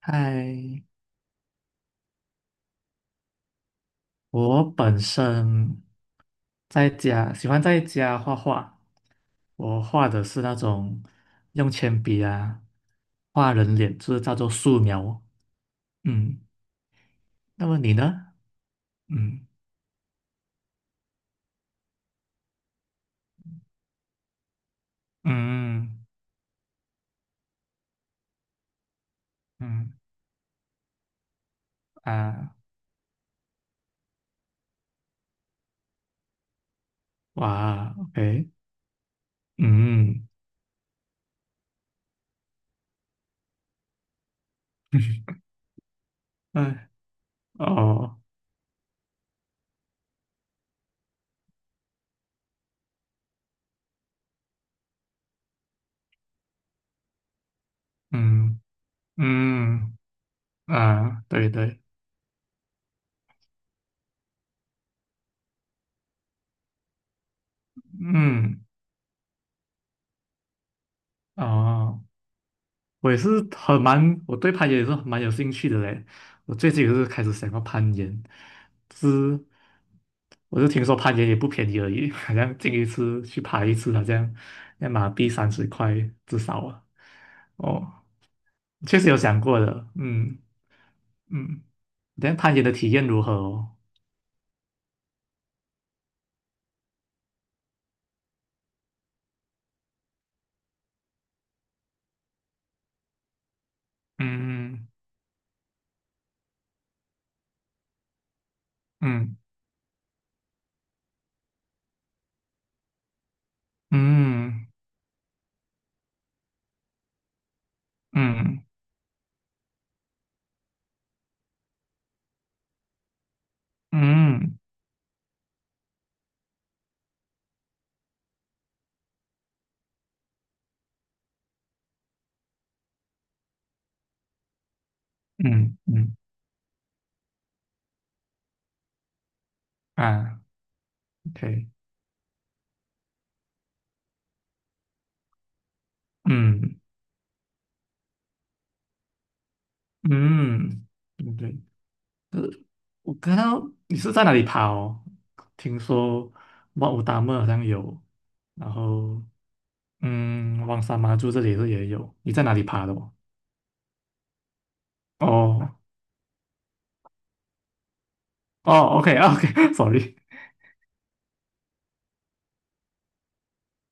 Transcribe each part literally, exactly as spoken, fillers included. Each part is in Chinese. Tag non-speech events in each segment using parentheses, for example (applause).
嗨，我本身在家喜欢在家画画，我画的是那种用铅笔啊画人脸，就是叫做素描。嗯，那么你呢？嗯。嗯。嗯嗯啊。哇，OK。嗯嗯。 (laughs) 哦。嗯。嗯。啊，对对。嗯。哦。我也是很蛮，我对攀岩也是蛮有兴趣的嘞。我最近也是开始想要攀岩，是，我就听说攀岩也不便宜而已，(laughs) 好像进一次去爬一次，好像要马币三十块至少啊。哦，确实有想过的。嗯。嗯。但攀岩的体验如何哦？嗯。嗯。嗯。嗯。嗯。嗯。嗯。嗯。啊，OK。嗯。嗯。嗯，对。我看到你是在哪里爬哦？听说哇，武达木好像有，然后嗯，旺沙妈珠这里是也有。你在哪里爬的哦？哦。哦，OK OK，sorry。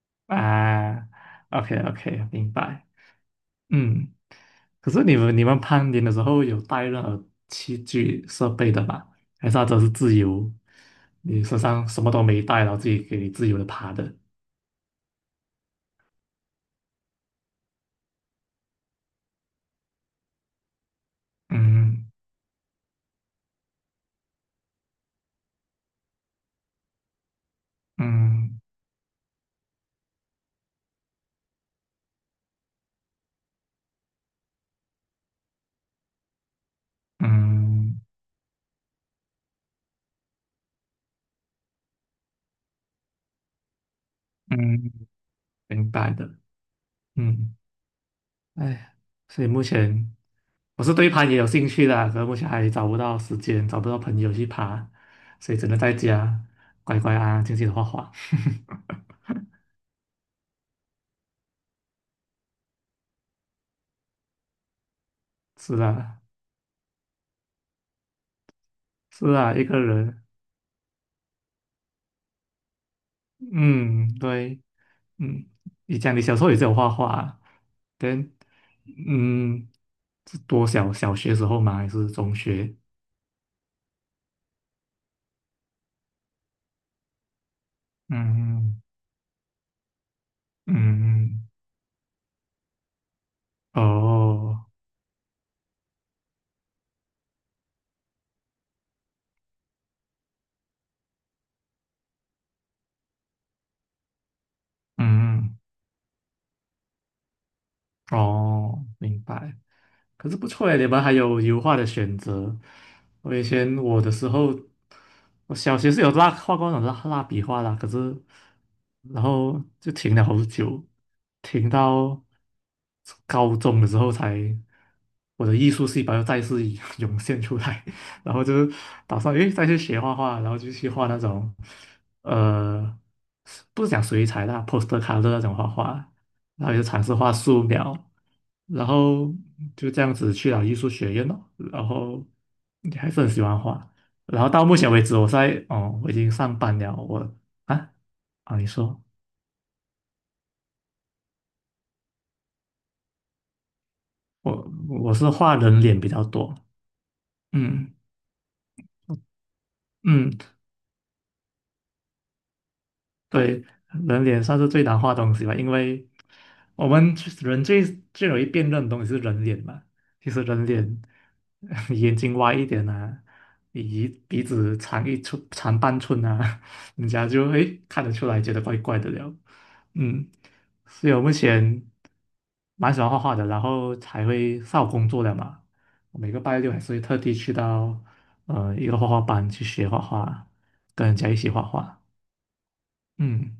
(laughs) 啊，OK OK，明白。嗯，可是你们你们攀岩的时候有带任何器具设备的吗？还是它只是自由？你身上什么都没带，然后自己给你自由的爬的？嗯。嗯。嗯。嗯。嗯，明白的。嗯。哎，所以目前我是对攀也有兴趣的，可是目前还找不到时间，找不到朋友去爬，所以只能在家乖乖安安静静的画画。(laughs) 是啊，是啊，一个人，嗯，对，嗯，你讲你小时候也是有画画啊，对，嗯，是多小，小学时候吗？还是中学？嗯。嗯。嗯，哦。嗯，哦，明白。可是不错诶，你们还有油画的选择。我以前我的时候，我小学是有蜡画过那种蜡蜡笔画啦，可是然后就停了好久，停到高中的时候才我的艺术细胞又再次 (laughs) 涌现出来，(laughs) 然后就打算诶再去学画画，然后就去画那种呃不是讲水彩啦，poster c o l o 那种画画。然后就尝试画素描，然后就这样子去了艺术学院咯，然后你还是很喜欢画，然后到目前为止我在哦，我已经上班了，我啊。啊，你说，我我是画人脸比较多。嗯。嗯。对，人脸算是最难画的东西吧，因为我们最人最最容易辨认的东西是人脸嘛。其实人脸，(laughs) 眼睛歪一点啊，鼻鼻子长一寸长半寸啊，(laughs) 人家就诶看得出来，觉得怪怪的了。嗯，所以我目前蛮喜欢画画的，然后才会上午工作的嘛。我每个拜六还是会特地去到呃一个画画班去学画画，跟人家一起画画。嗯。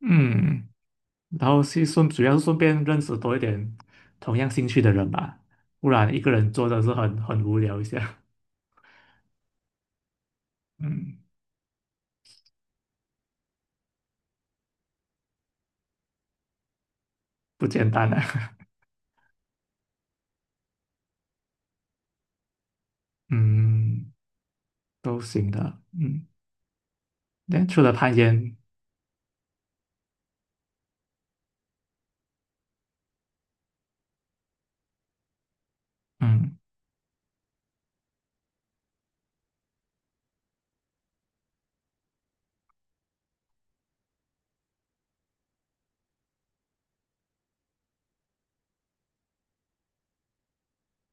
嗯，然后是顺，主要是顺便认识多一点同样兴趣的人吧，不然一个人做的是很很无聊一下，(laughs) 嗯，不简单啊，(laughs) 嗯，都行的。嗯，那除了攀岩，嗯。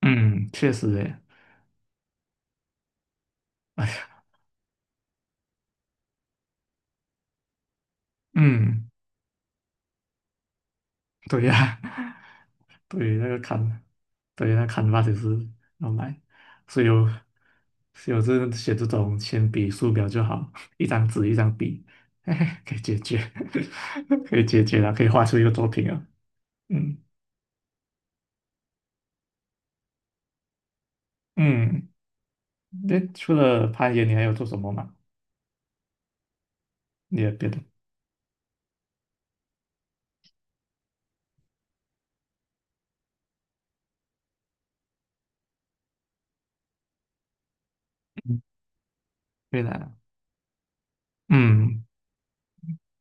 嗯，确实诶。嗯，对呀、对。那个砍，对，那砍 a n 也是要买，所以有，所以我是写这种铅笔、素描就好，(laughs) 一张纸一张笔，(laughs) 嘿嘿，可以解决，(laughs) 可以解决了，可以画出一个作品了。嗯。嗯，那除了攀岩，你还有做什么吗？你有别的？嗯，对啦。嗯，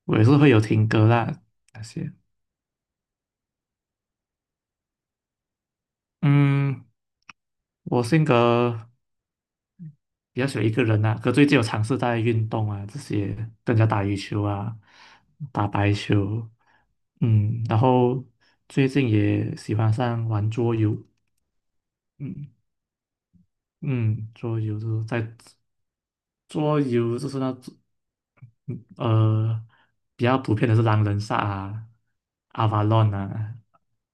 我也是会有听歌啦那些。嗯，我性格比较喜欢一个人啊。可最近有尝试在运动啊，这些跟人家打羽球啊，打排球，嗯，然后最近也喜欢上玩桌游。嗯。嗯，桌游就是在，桌游就是那种呃比较普遍的是狼人杀啊、阿 v a l 啊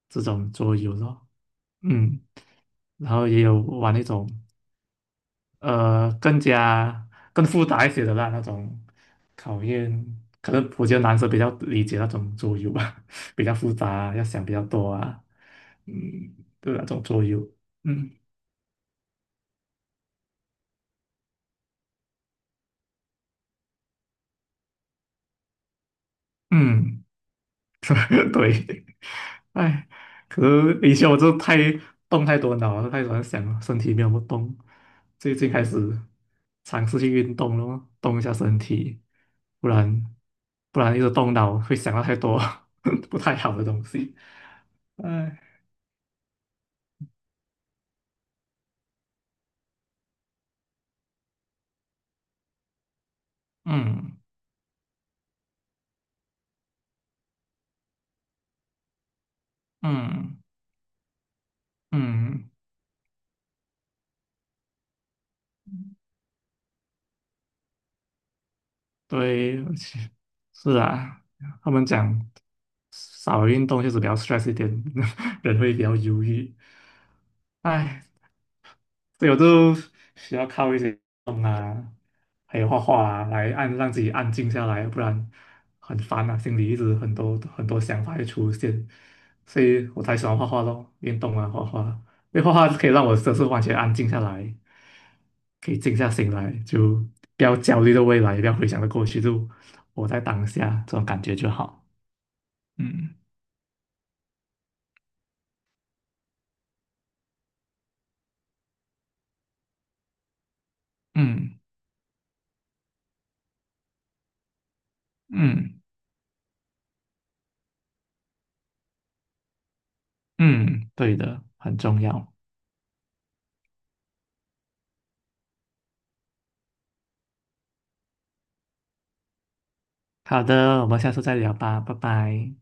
这种桌游咯。嗯，然后也有玩那种。呃更加更复杂一些的啦，那种考验，可能我觉得男生比较理解那种桌游吧，(laughs) 比较复杂，要想比较多啊，嗯，对那种桌游。嗯。嗯。(laughs) 对，哎，可是以前我就太动太多脑了，太喜欢想了，身体没有不动。最近开始尝试去运动了动一下身体，不然不然一直动脑会想到太多 (laughs) 不太好的东西。哎。嗯。嗯。嗯，对，而且是啊，他们讲少运动就是比较 stress 一点，(laughs) 人会比较忧郁。哎。所以我就需要靠一些动啊，还有画画啊，来按让自己安静下来，不然很烦啊，心里一直很多很多想法会出现，所以我才喜欢画画咯，运动啊，画画，因为画画可以让我就是完全安静下来，可以静下心来，就不要焦虑的未来，也不要回想着过去，就活在当下，这种感觉就好。嗯。嗯。嗯。嗯，对的，很重要。好的，我们下次再聊吧，拜拜。